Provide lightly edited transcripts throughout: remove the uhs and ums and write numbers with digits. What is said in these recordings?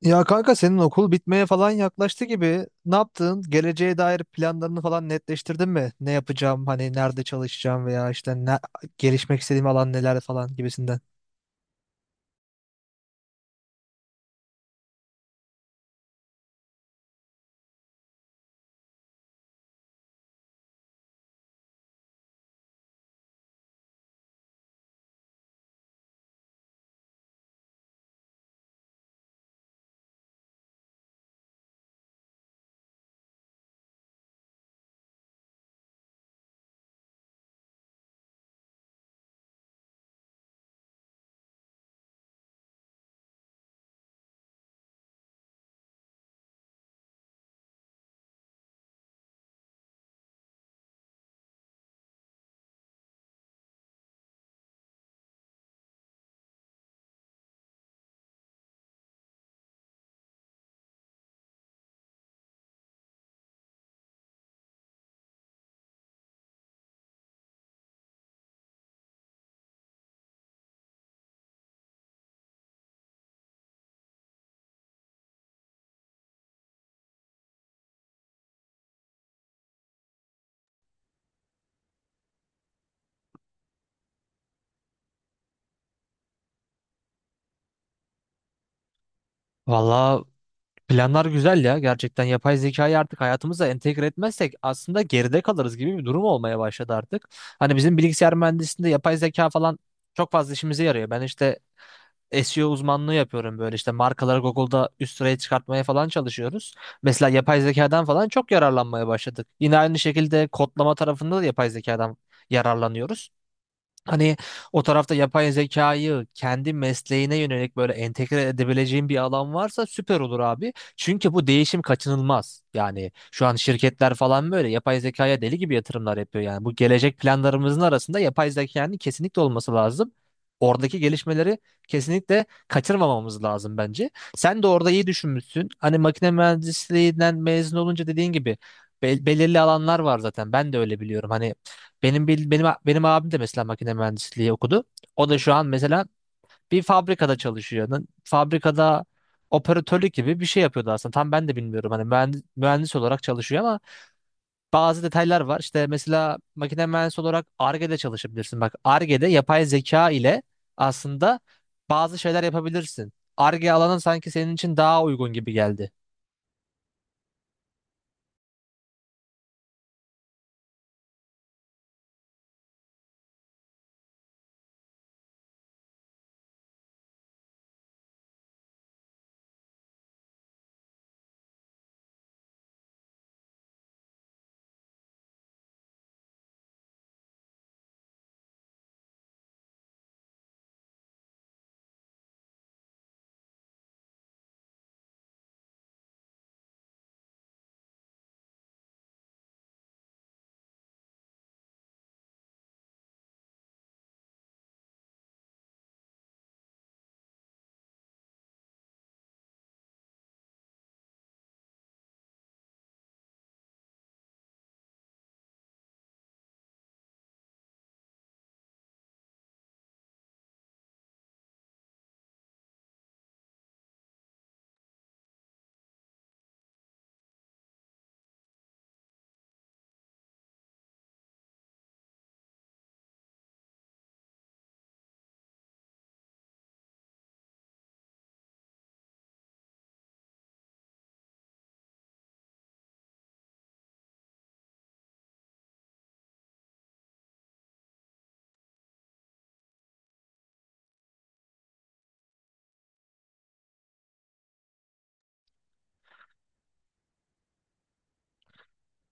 Ya kanka senin okul bitmeye falan yaklaştı gibi. Ne yaptın? Geleceğe dair planlarını falan netleştirdin mi? Ne yapacağım? Hani nerede çalışacağım veya işte ne, gelişmek istediğim alan neler falan gibisinden. Valla planlar güzel ya. Gerçekten yapay zekayı artık hayatımıza entegre etmezsek aslında geride kalırız gibi bir durum olmaya başladı artık. Hani bizim bilgisayar mühendisliğinde yapay zeka falan çok fazla işimize yarıyor. Ben işte SEO uzmanlığı yapıyorum böyle işte markaları Google'da üst sıraya çıkartmaya falan çalışıyoruz. Mesela yapay zekadan falan çok yararlanmaya başladık. Yine aynı şekilde kodlama tarafında da yapay zekadan yararlanıyoruz. Hani o tarafta yapay zekayı kendi mesleğine yönelik böyle entegre edebileceğin bir alan varsa süper olur abi. Çünkü bu değişim kaçınılmaz. Yani şu an şirketler falan böyle yapay zekaya deli gibi yatırımlar yapıyor. Yani bu gelecek planlarımızın arasında yapay zekanın kesinlikle olması lazım. Oradaki gelişmeleri kesinlikle kaçırmamamız lazım bence. Sen de orada iyi düşünmüşsün. Hani makine mühendisliğinden mezun olunca dediğin gibi belirli alanlar var zaten. Ben de öyle biliyorum. Hani benim bil- benim benim abim de mesela makine mühendisliği okudu. O da şu an mesela bir fabrikada çalışıyor. Fabrikada operatörlük gibi bir şey yapıyordu aslında. Tam ben de bilmiyorum. Hani mühendis olarak çalışıyor ama bazı detaylar var. İşte mesela makine mühendisi olarak Ar-Ge'de çalışabilirsin. Bak Ar-Ge'de yapay zeka ile aslında bazı şeyler yapabilirsin. Ar-Ge alanı sanki senin için daha uygun gibi geldi.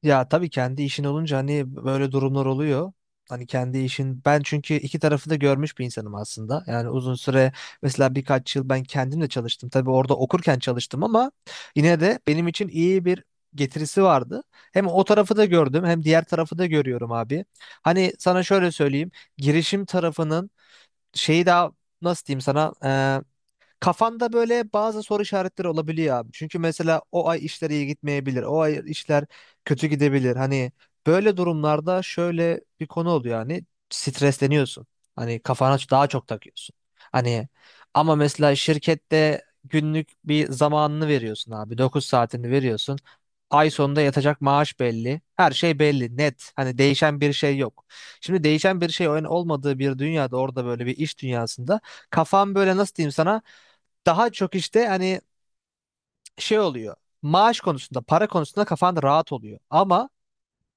Ya tabii kendi işin olunca hani böyle durumlar oluyor. Hani kendi işin ben çünkü iki tarafı da görmüş bir insanım aslında. Yani uzun süre mesela birkaç yıl ben kendim de çalıştım. Tabii orada okurken çalıştım ama yine de benim için iyi bir getirisi vardı. Hem o tarafı da gördüm hem diğer tarafı da görüyorum abi. Hani sana şöyle söyleyeyim. Girişim tarafının şeyi daha nasıl diyeyim sana? Kafanda böyle bazı soru işaretleri olabiliyor abi. Çünkü mesela o ay işler iyi gitmeyebilir. O ay işler kötü gidebilir. Hani böyle durumlarda şöyle bir konu oluyor yani stresleniyorsun. Hani kafana daha çok takıyorsun. Hani ama mesela şirkette günlük bir zamanını veriyorsun abi. 9 saatini veriyorsun. Ay sonunda yatacak maaş belli. Her şey belli, net. Hani değişen bir şey yok. Şimdi değişen bir şey olmadığı bir dünyada orada böyle bir iş dünyasında kafan böyle nasıl diyeyim sana daha çok işte hani şey oluyor. Maaş konusunda, para konusunda kafan rahat oluyor. Ama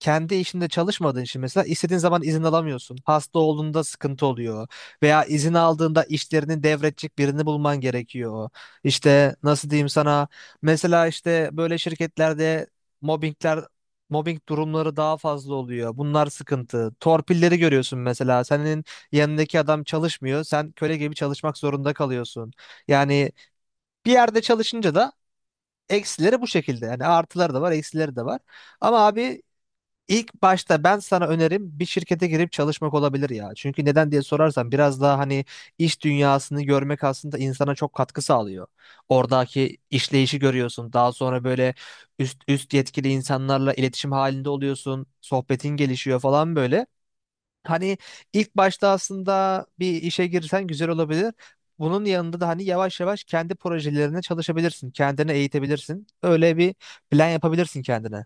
kendi işinde çalışmadığın için mesela istediğin zaman izin alamıyorsun. Hasta olduğunda sıkıntı oluyor. Veya izin aldığında işlerini devredecek birini bulman gerekiyor. İşte nasıl diyeyim sana mesela işte böyle şirketlerde mobbingler mobbing durumları daha fazla oluyor. Bunlar sıkıntı. Torpilleri görüyorsun mesela. Senin yanındaki adam çalışmıyor. Sen köle gibi çalışmak zorunda kalıyorsun. Yani bir yerde çalışınca da eksileri bu şekilde. Yani artıları da var, eksileri de var. Ama abi ilk başta ben sana önerim bir şirkete girip çalışmak olabilir ya. Çünkü neden diye sorarsan biraz daha hani iş dünyasını görmek aslında insana çok katkı sağlıyor. Oradaki işleyişi görüyorsun. Daha sonra böyle üst yetkili insanlarla iletişim halinde oluyorsun. Sohbetin gelişiyor falan böyle. Hani ilk başta aslında bir işe girsen güzel olabilir. Bunun yanında da hani yavaş yavaş kendi projelerine çalışabilirsin. Kendini eğitebilirsin. Öyle bir plan yapabilirsin kendine.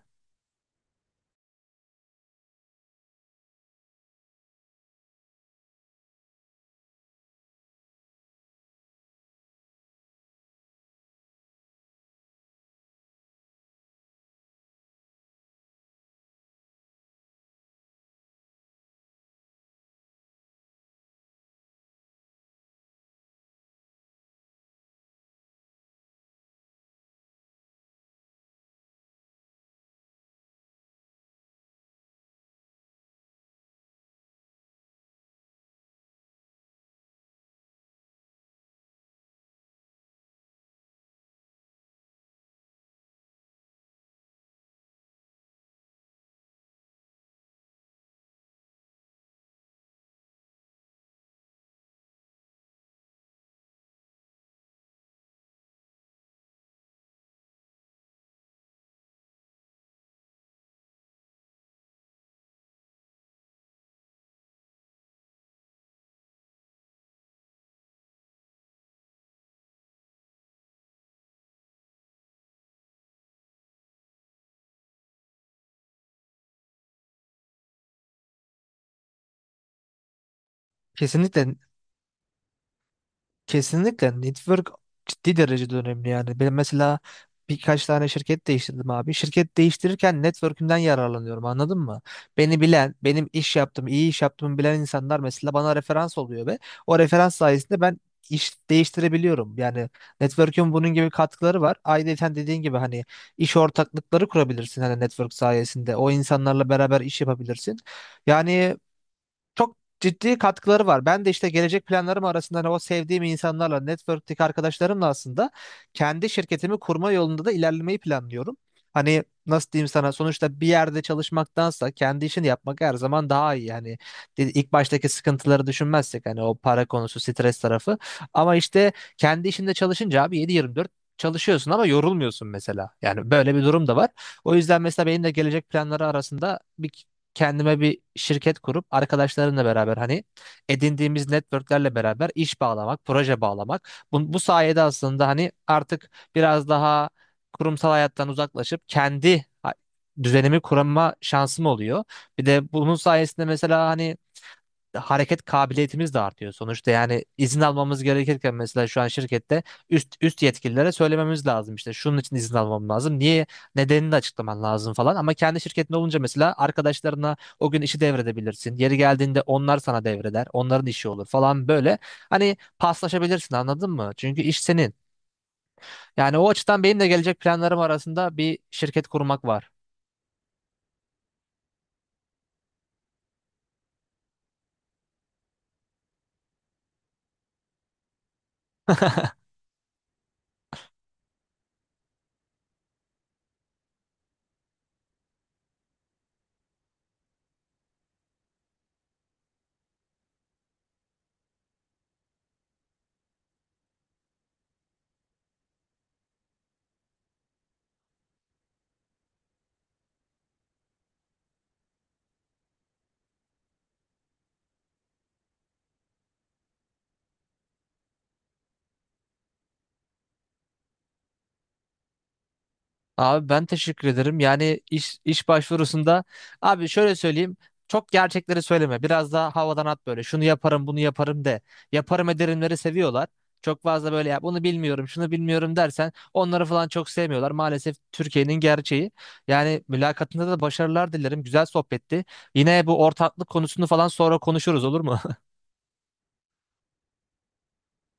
Kesinlikle. Kesinlikle network ciddi derecede önemli yani. Ben mesela birkaç tane şirket değiştirdim abi. Şirket değiştirirken network'ümden yararlanıyorum, anladın mı? Beni bilen, benim iş yaptığım, iyi iş yaptığımı bilen insanlar mesela bana referans oluyor ve o referans sayesinde ben iş değiştirebiliyorum. Yani network'ün bunun gibi katkıları var. Ayrıca dediğin gibi hani iş ortaklıkları kurabilirsin hani network sayesinde. O insanlarla beraber iş yapabilirsin. Yani çok ciddi katkıları var. Ben de işte gelecek planlarım arasında hani o sevdiğim insanlarla, network'teki arkadaşlarımla aslında kendi şirketimi kurma yolunda da ilerlemeyi planlıyorum. Hani nasıl diyeyim sana sonuçta bir yerde çalışmaktansa kendi işini yapmak her zaman daha iyi. Yani ilk baştaki sıkıntıları düşünmezsek hani o para konusu, stres tarafı. Ama işte kendi işinde çalışınca abi 7/24 çalışıyorsun ama yorulmuyorsun mesela. Yani böyle bir durum da var. O yüzden mesela benim de gelecek planları arasında bir kendime bir şirket kurup arkadaşlarımla beraber hani edindiğimiz networklerle beraber iş bağlamak, proje bağlamak. Bu sayede aslında hani artık biraz daha kurumsal hayattan uzaklaşıp düzenimi kurma şansım oluyor. Bir de bunun sayesinde mesela hani hareket kabiliyetimiz de artıyor. Sonuçta yani izin almamız gerekirken mesela şu an şirkette üst yetkililere söylememiz lazım işte şunun için izin almam lazım. Nedenini de açıklaman lazım falan. Ama kendi şirketin olunca mesela arkadaşlarına o gün işi devredebilirsin. Yeri geldiğinde onlar sana devreder. Onların işi olur falan böyle. Hani paslaşabilirsin, anladın mı? Çünkü iş senin. Yani o açıdan benim de gelecek planlarım arasında bir şirket kurmak var. Abi ben teşekkür ederim. Yani iş başvurusunda abi şöyle söyleyeyim. Çok gerçekleri söyleme. Biraz daha havadan at böyle. Şunu yaparım, bunu yaparım de. Yaparım ederimleri seviyorlar. Çok fazla böyle ya bunu bilmiyorum, şunu bilmiyorum dersen onları falan çok sevmiyorlar. Maalesef Türkiye'nin gerçeği. Yani mülakatında da başarılar dilerim. Güzel sohbetti. Yine bu ortaklık konusunu falan sonra konuşuruz, olur mu?